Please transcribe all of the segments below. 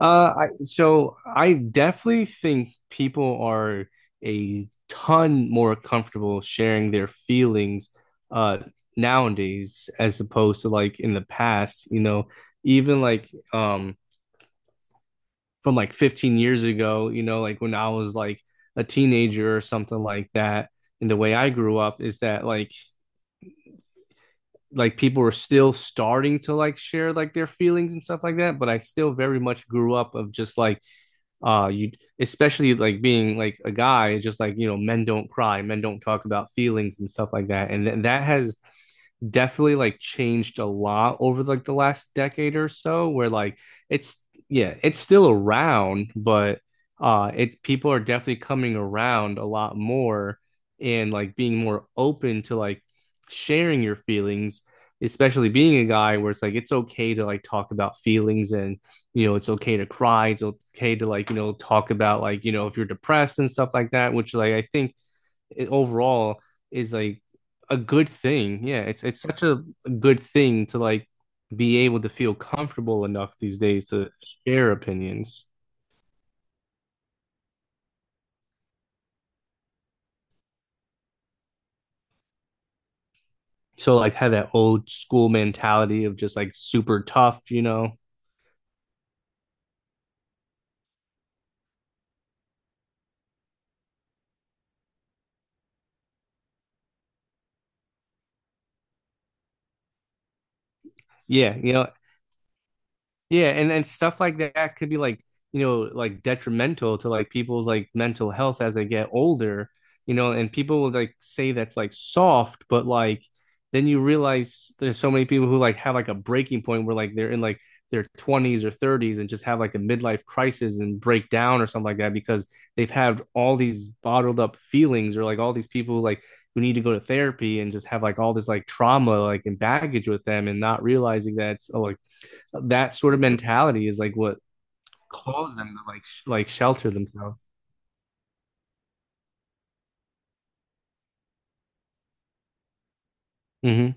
Uh, so I definitely think people are a ton more comfortable sharing their feelings uh nowadays as opposed to like in the past, even like from like 15 years ago, like when I was like a teenager or something like that. And the way I grew up is that like people were still starting to like share like their feelings and stuff like that, but I still very much grew up of just like you especially like being like a guy, just like, men don't cry, men don't talk about feelings and stuff like that, and that has definitely like changed a lot over like the last decade or so, where like it's yeah, it's still around, but it people are definitely coming around a lot more and like being more open to like sharing your feelings, especially being a guy where it's like it's okay to like talk about feelings, and it's okay to cry, it's okay to like talk about like if you're depressed and stuff like that, which like I think it overall is like a good thing. Yeah, it's such a good thing to like be able to feel comfortable enough these days to share opinions. So like have that old school mentality of just like super tough, Yeah, yeah, and stuff like that could be like, like detrimental to like people's like mental health as they get older, and people will like say that's like soft, but like then you realize there's so many people who like have like a breaking point where like they're in like their 20s or 30s and just have like a midlife crisis and break down or something like that, because they've had all these bottled up feelings, or like all these people like who need to go to therapy and just have like all this like trauma like and baggage with them, and not realizing that it's, oh, like that sort of mentality is like what caused them to like like shelter themselves. Hmm.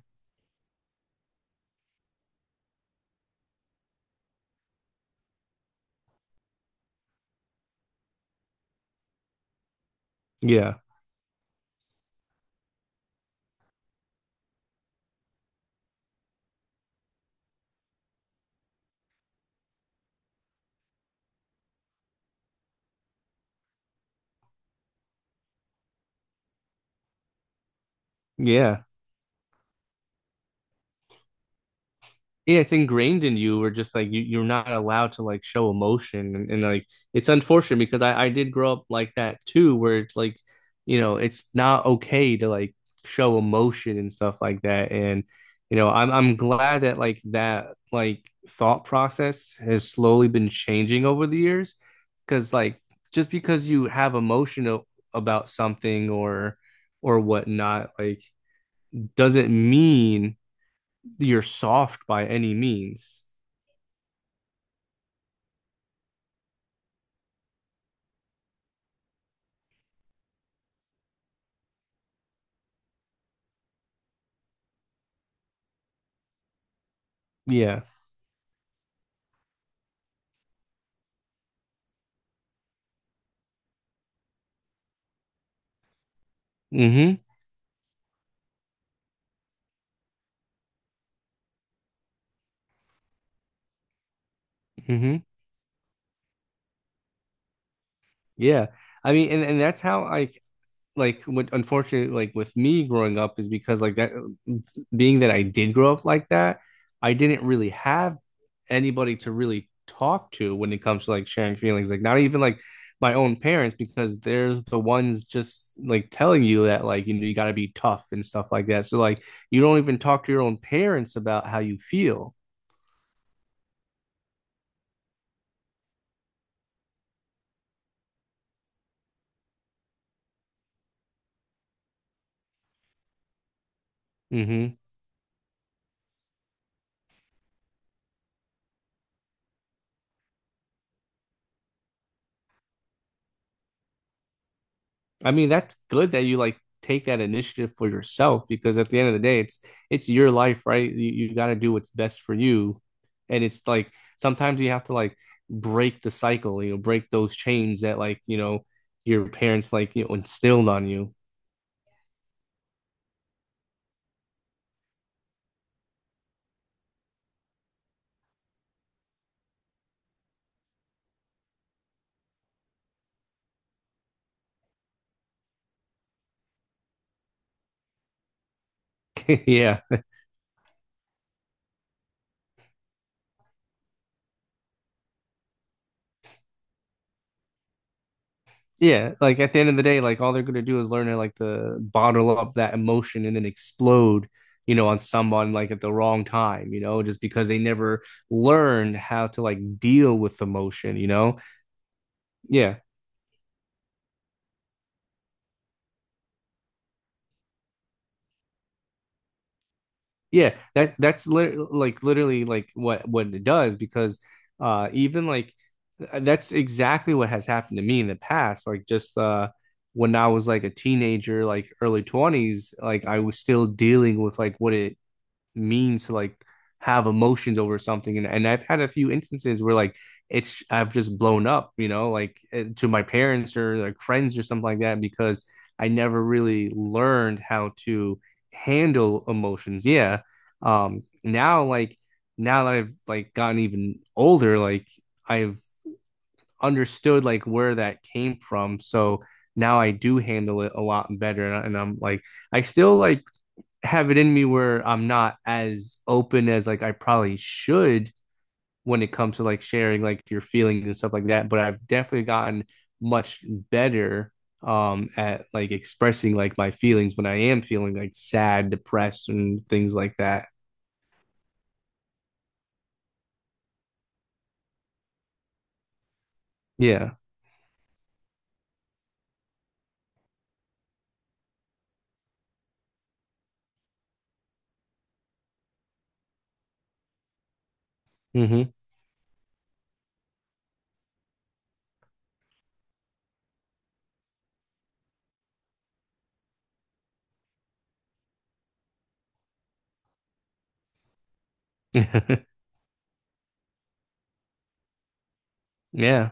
Yeah, yeah. Yeah, it's ingrained in you. Or just like you're not allowed to like show emotion, and like it's unfortunate, because I did grow up like that too, where it's like, it's not okay to like show emotion and stuff like that. And I'm glad that that thought process has slowly been changing over the years, because like just because you have emotion about something or whatnot, like, doesn't mean you're soft by any means. Yeah. Mm-hmm. Mm-hmm. Yeah. I mean, and that's how I, like, what, unfortunately, like with me growing up is, because like that, being that I did grow up like that, I didn't really have anybody to really talk to when it comes to like sharing feelings. Like, not even like my own parents, because they're the ones just like telling you that like you got to be tough and stuff like that. So like, you don't even talk to your own parents about how you feel. I mean, that's good that you like take that initiative for yourself, because at the end of the day, it's your life, right? You got to do what's best for you, and it's like sometimes you have to like break the cycle, break those chains that like your parents like instilled on you. Yeah, yeah. Like at the end of the day, like all they're gonna do is learn to like the bottle up that emotion and then explode, on someone like at the wrong time, just because they never learned how to like deal with emotion. Yeah. Yeah. That's lit like literally like what it does, because even like that's exactly what has happened to me in the past. Like, just when I was like a teenager, like early 20s, like I was still dealing with like what it means to like have emotions over something, and I've had a few instances where like it's I've just blown up, like to my parents or like friends or something like that, because I never really learned how to handle emotions. Yeah. Now like, now that I've like gotten even older, like I've understood like where that came from. So now I do handle it a lot better, and, and I'm like, I still like have it in me where I'm not as open as like I probably should when it comes to like sharing like your feelings and stuff like that. But I've definitely gotten much better at like expressing like my feelings when I am feeling like sad, depressed, and things like that. Yeah. Mm-hmm. Yeah.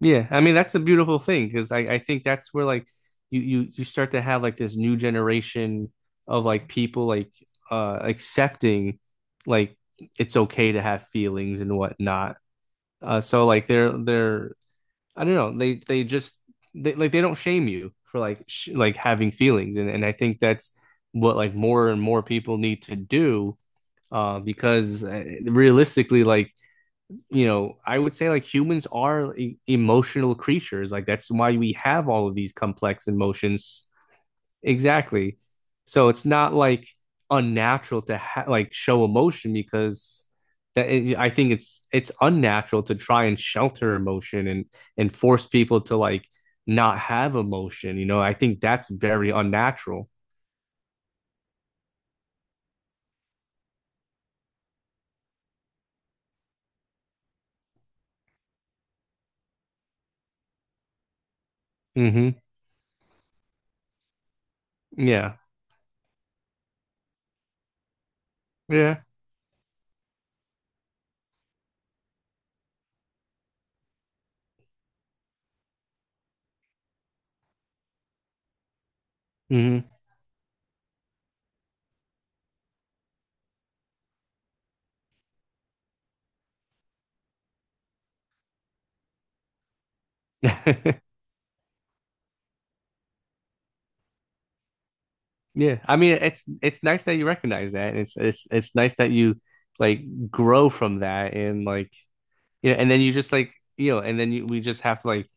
Yeah, I mean, that's a beautiful thing, because I think that's where like you start to have like this new generation of like people, like, accepting, like, it's okay to have feelings and whatnot. So like, they're I don't know, they just, they don't shame you for like sh like having feelings, and I think that's what like more and more people need to do, because realistically, like, I would say like humans are emotional creatures. Like, that's why we have all of these complex emotions. Exactly. So it's not like unnatural to like show emotion, because I think it's unnatural to try and shelter emotion and force people to like not have emotion. You know, I think that's very unnatural. Hmm. Yeah. Yeah. Hmm. Yeah, I mean, it's nice that you recognize that, and it's nice that you like grow from that, and like and then you just like and then we just have to like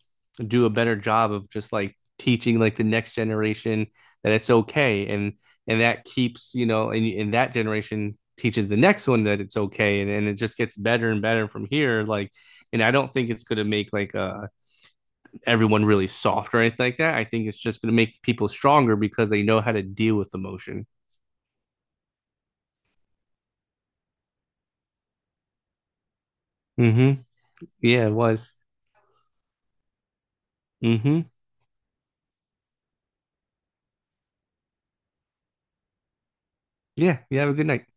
do a better job of just like teaching like the next generation that it's okay, and that keeps, and that generation teaches the next one that it's okay, and it just gets better and better from here, like. And I don't think it's going to make like everyone really soft or anything like that. I think it's just going to make people stronger because they know how to deal with emotion. Mm-hmm. Yeah, it was. Hmm. Yeah, you have a good night.